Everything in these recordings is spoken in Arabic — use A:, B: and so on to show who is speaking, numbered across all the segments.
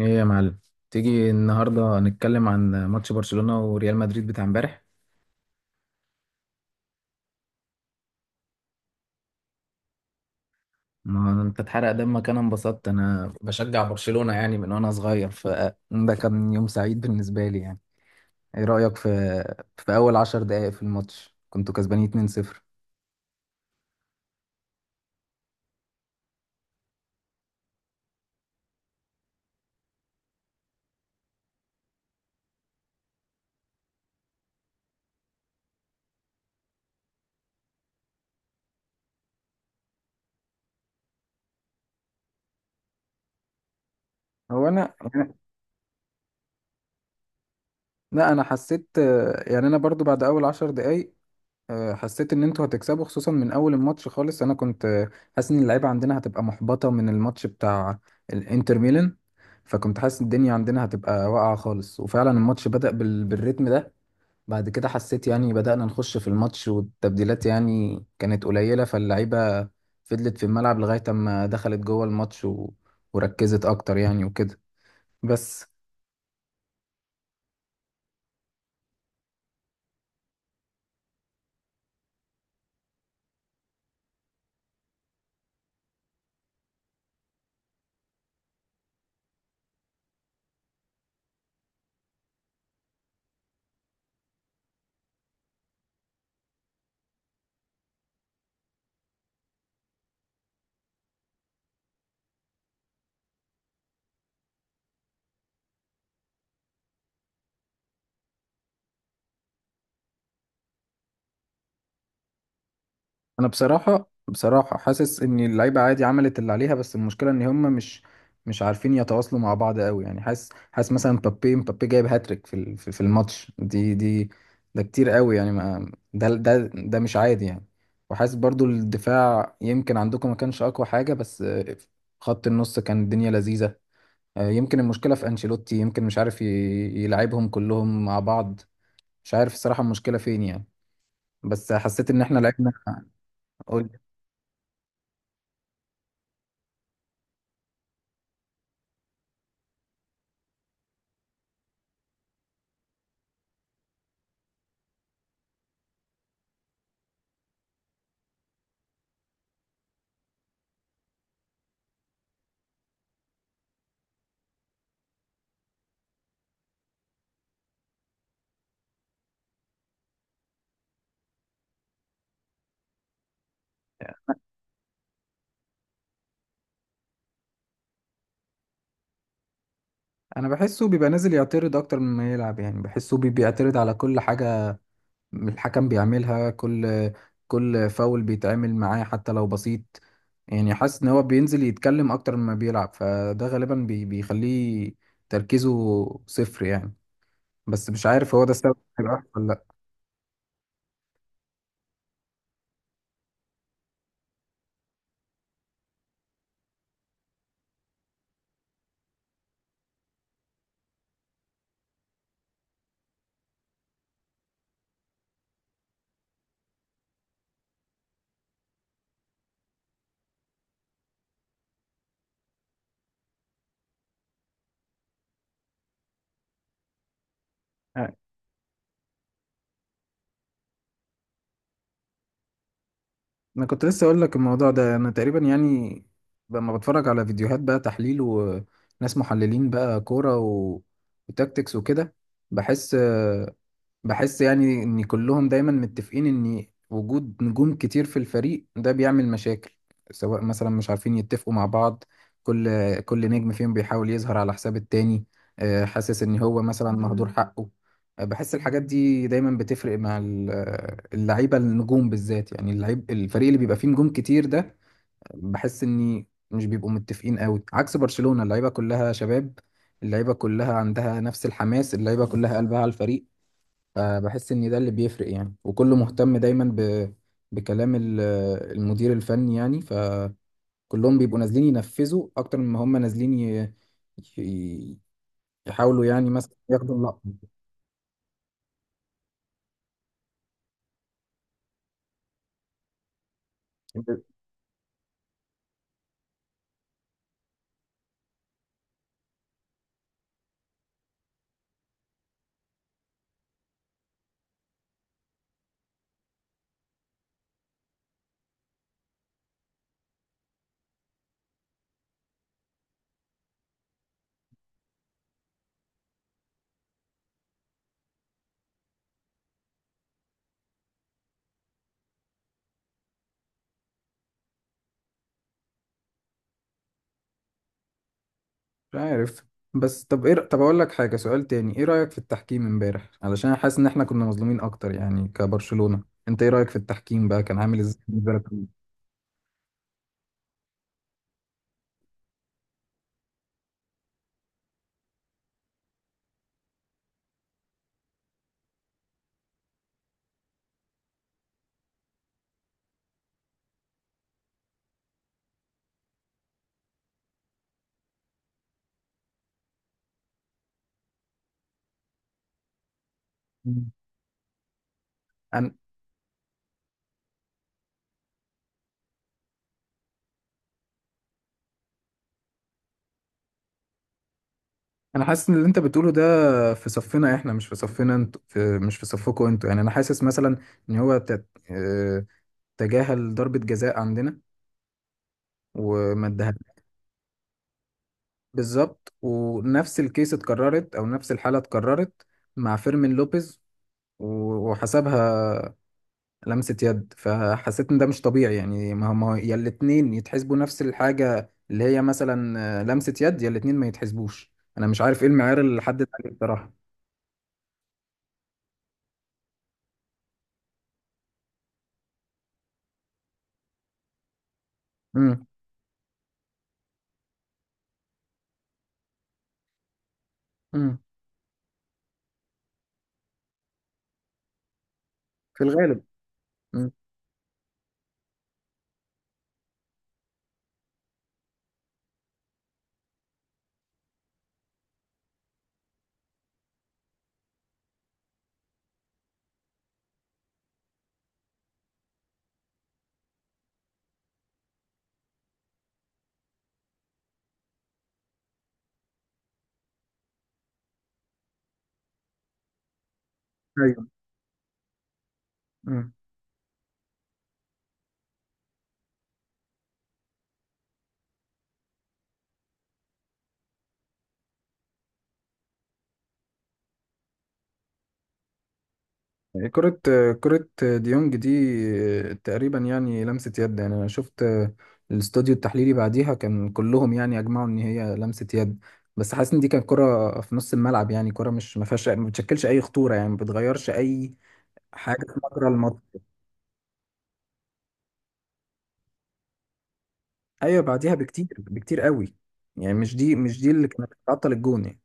A: ايه يا معلم؟ تيجي النهارده نتكلم عن ماتش برشلونة وريال مدريد بتاع امبارح؟ ما انت اتحرق دمك، انا انبسطت. انا بشجع برشلونة يعني من وانا صغير، فده كان يوم سعيد بالنسبة لي يعني. ايه رأيك في اول عشر دقائق في الماتش كنتوا كسبانين 2-0؟ هو انا أنا- لا، انا حسيت. يعني انا برضو بعد اول عشر دقائق حسيت ان انتوا هتكسبوا، خصوصا من اول الماتش خالص. انا كنت حاسس ان اللعيبه عندنا هتبقى محبطه من الماتش بتاع الانتر ميلان. فكنت حاسس الدنيا عندنا هتبقى واقعه خالص، وفعلا الماتش بدأ بالريتم ده. بعد كده حسيت يعني بدأنا نخش في الماتش، والتبديلات يعني كانت قليله، فاللعيبه فضلت في الملعب لغايه اما دخلت جوه الماتش وركزت اكتر يعني وكده بس. انا بصراحه حاسس ان اللعيبه عادي عملت اللي عليها، بس المشكله ان هم مش عارفين يتواصلوا مع بعض قوي. يعني حاسس مثلا، مبابي جايب هاتريك في ال- في في الماتش دي ده كتير قوي. يعني ما ده مش عادي يعني. وحاسس برضو الدفاع يمكن عندكم ما كانش اقوى حاجه، بس خط النص كان الدنيا لذيذه. يمكن المشكله في انشيلوتي، يمكن مش عارف يلعبهم كلهم مع بعض. مش عارف الصراحه المشكله فين يعني، بس حسيت ان احنا لعبنا. قول. انا بحسه بيبقى نازل يعترض اكتر مما يلعب. يعني بحسه بيعترض على كل حاجة. الحكم بيعملها، كل فاول بيتعمل معاه حتى لو بسيط. يعني حاسس ان هو بينزل يتكلم اكتر مما بيلعب، فده غالبا بيخليه تركيزه صفر يعني. بس مش عارف هو ده السبب هيبقى ولا لا. آه، انا كنت لسه اقول لك الموضوع ده. انا تقريبا يعني، لما بتفرج على فيديوهات بقى تحليل وناس محللين بقى كورة وتكتكس وكده، بحس بحس يعني ان كلهم دايما متفقين ان وجود نجوم كتير في الفريق ده بيعمل مشاكل. سواء مثلا مش عارفين يتفقوا مع بعض، كل نجم فيهم بيحاول يظهر على حساب التاني. حاسس ان هو مثلا مهدور حقه. بحس الحاجات دي دايما بتفرق مع اللعيبة النجوم بالذات. يعني اللعيب الفريق اللي بيبقى فيه نجوم كتير ده، بحس ان مش بيبقوا متفقين قوي، عكس برشلونة، اللعيبة كلها شباب، اللعيبة كلها عندها نفس الحماس، اللعيبة كلها قلبها على الفريق. فبحس ان ده اللي بيفرق يعني، وكله مهتم دايما بكلام المدير الفني يعني. فكلهم بيبقوا نازلين ينفذوا اكتر مما هم نازلين ي- يحاولوا يعني مثلا ياخدوا اللقطة. مش عارف. بس طب ايه، طب اقول لك حاجة. سؤال تاني، ايه رأيك في التحكيم امبارح؟ علشان حاسس ان احنا كنا مظلومين اكتر، يعني كبرشلونة. انت ايه رأيك في التحكيم بقى، كان عامل ازاي بالنسبة لك؟ انا انا حاسس ان اللي انت بتقوله ده في صفنا احنا، مش في صفنا انت، مش في صفكم انتوا. يعني انا حاسس مثلا ان هو تت... آه، تجاهل ضربة جزاء عندنا وما اداها. بالظبط، ونفس الكيس اتكررت، او نفس الحالة اتكررت مع فيرمين لوبيز وحسبها لمسة يد. فحسيت ان ده مش طبيعي يعني. ما هم يا الاتنين يتحسبوا نفس الحاجة، اللي هي مثلا لمسة يد، يا الاتنين ما يتحسبوش. انا مش عارف ايه المعيار اللي حدد عليه بصراحة. امم امم في الغالب. إمم. ايوه. مم. كرة كرة ديونج دي تقريبا يعني لمسة يد. يعني انا شفت الاستوديو التحليلي بعديها كان كلهم يعني اجمعوا ان هي لمسة يد. بس حاسس ان دي كانت كرة في نص الملعب، يعني كرة مش ما فيهاش، ما بتشكلش اي خطورة، يعني ما بتغيرش اي حاجة في مجرى الماتش. ايوه، بعديها بكتير بكتير قوي. يعني مش دي اللي كانت بتعطل الجون يعني.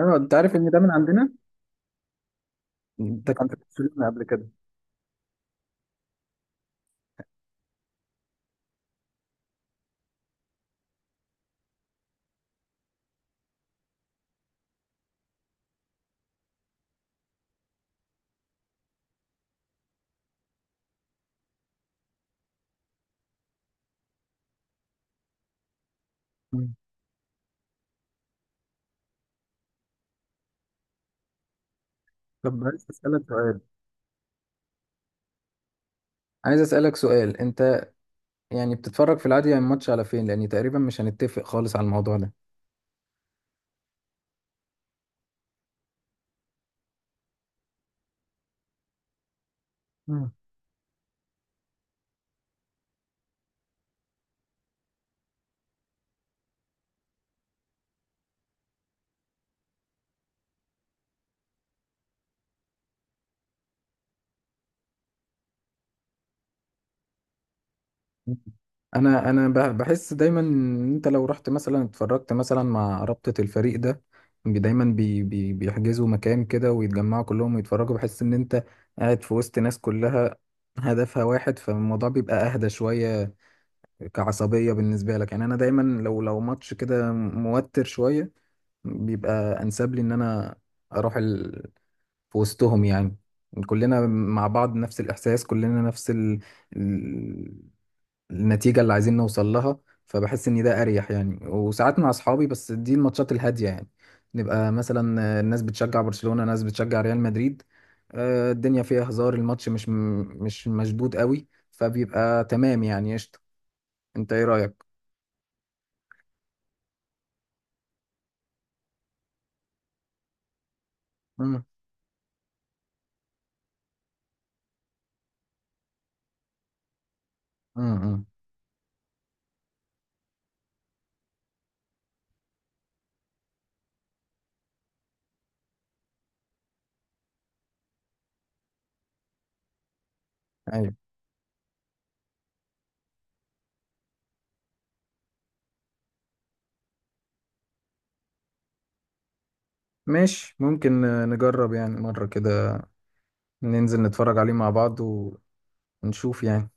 A: ايوه، انت عارف ان ده من عندنا، ده كان في برشلونة قبل كده. مم. طب عايز اسالك سؤال انت يعني بتتفرج في العادي يعني الماتش على فين؟ لاني تقريبا مش هنتفق خالص على الموضوع ده. مم. انا بحس دايما ان انت لو رحت مثلا اتفرجت مثلا مع رابطة الفريق ده، بي- دايما بي بي بيحجزوا مكان كده ويتجمعوا كلهم ويتفرجوا، بحس ان انت قاعد في وسط ناس كلها هدفها واحد، فالموضوع بيبقى اهدى شوية كعصبية بالنسبة لك يعني. انا دايما، لو ماتش كده موتر شوية، بيبقى انسب لي ان انا اروح في وسطهم يعني. كلنا مع بعض نفس الإحساس، كلنا نفس ال- النتيجة اللي عايزين نوصل لها. فبحس إن ده أريح يعني. وساعات مع أصحابي، بس دي الماتشات الهادية يعني، نبقى مثلا ناس بتشجع برشلونة، ناس بتشجع ريال مدريد، الدنيا فيها هزار، الماتش مش مشدود قوي، فبيبقى تمام يعني، قشطة. أنت إيه رأيك؟ مم. مم. مم. أيوة. ماشي، ممكن نجرب يعني مرة كده، ننزل نتفرج عليه مع بعض، ونشوف يعني.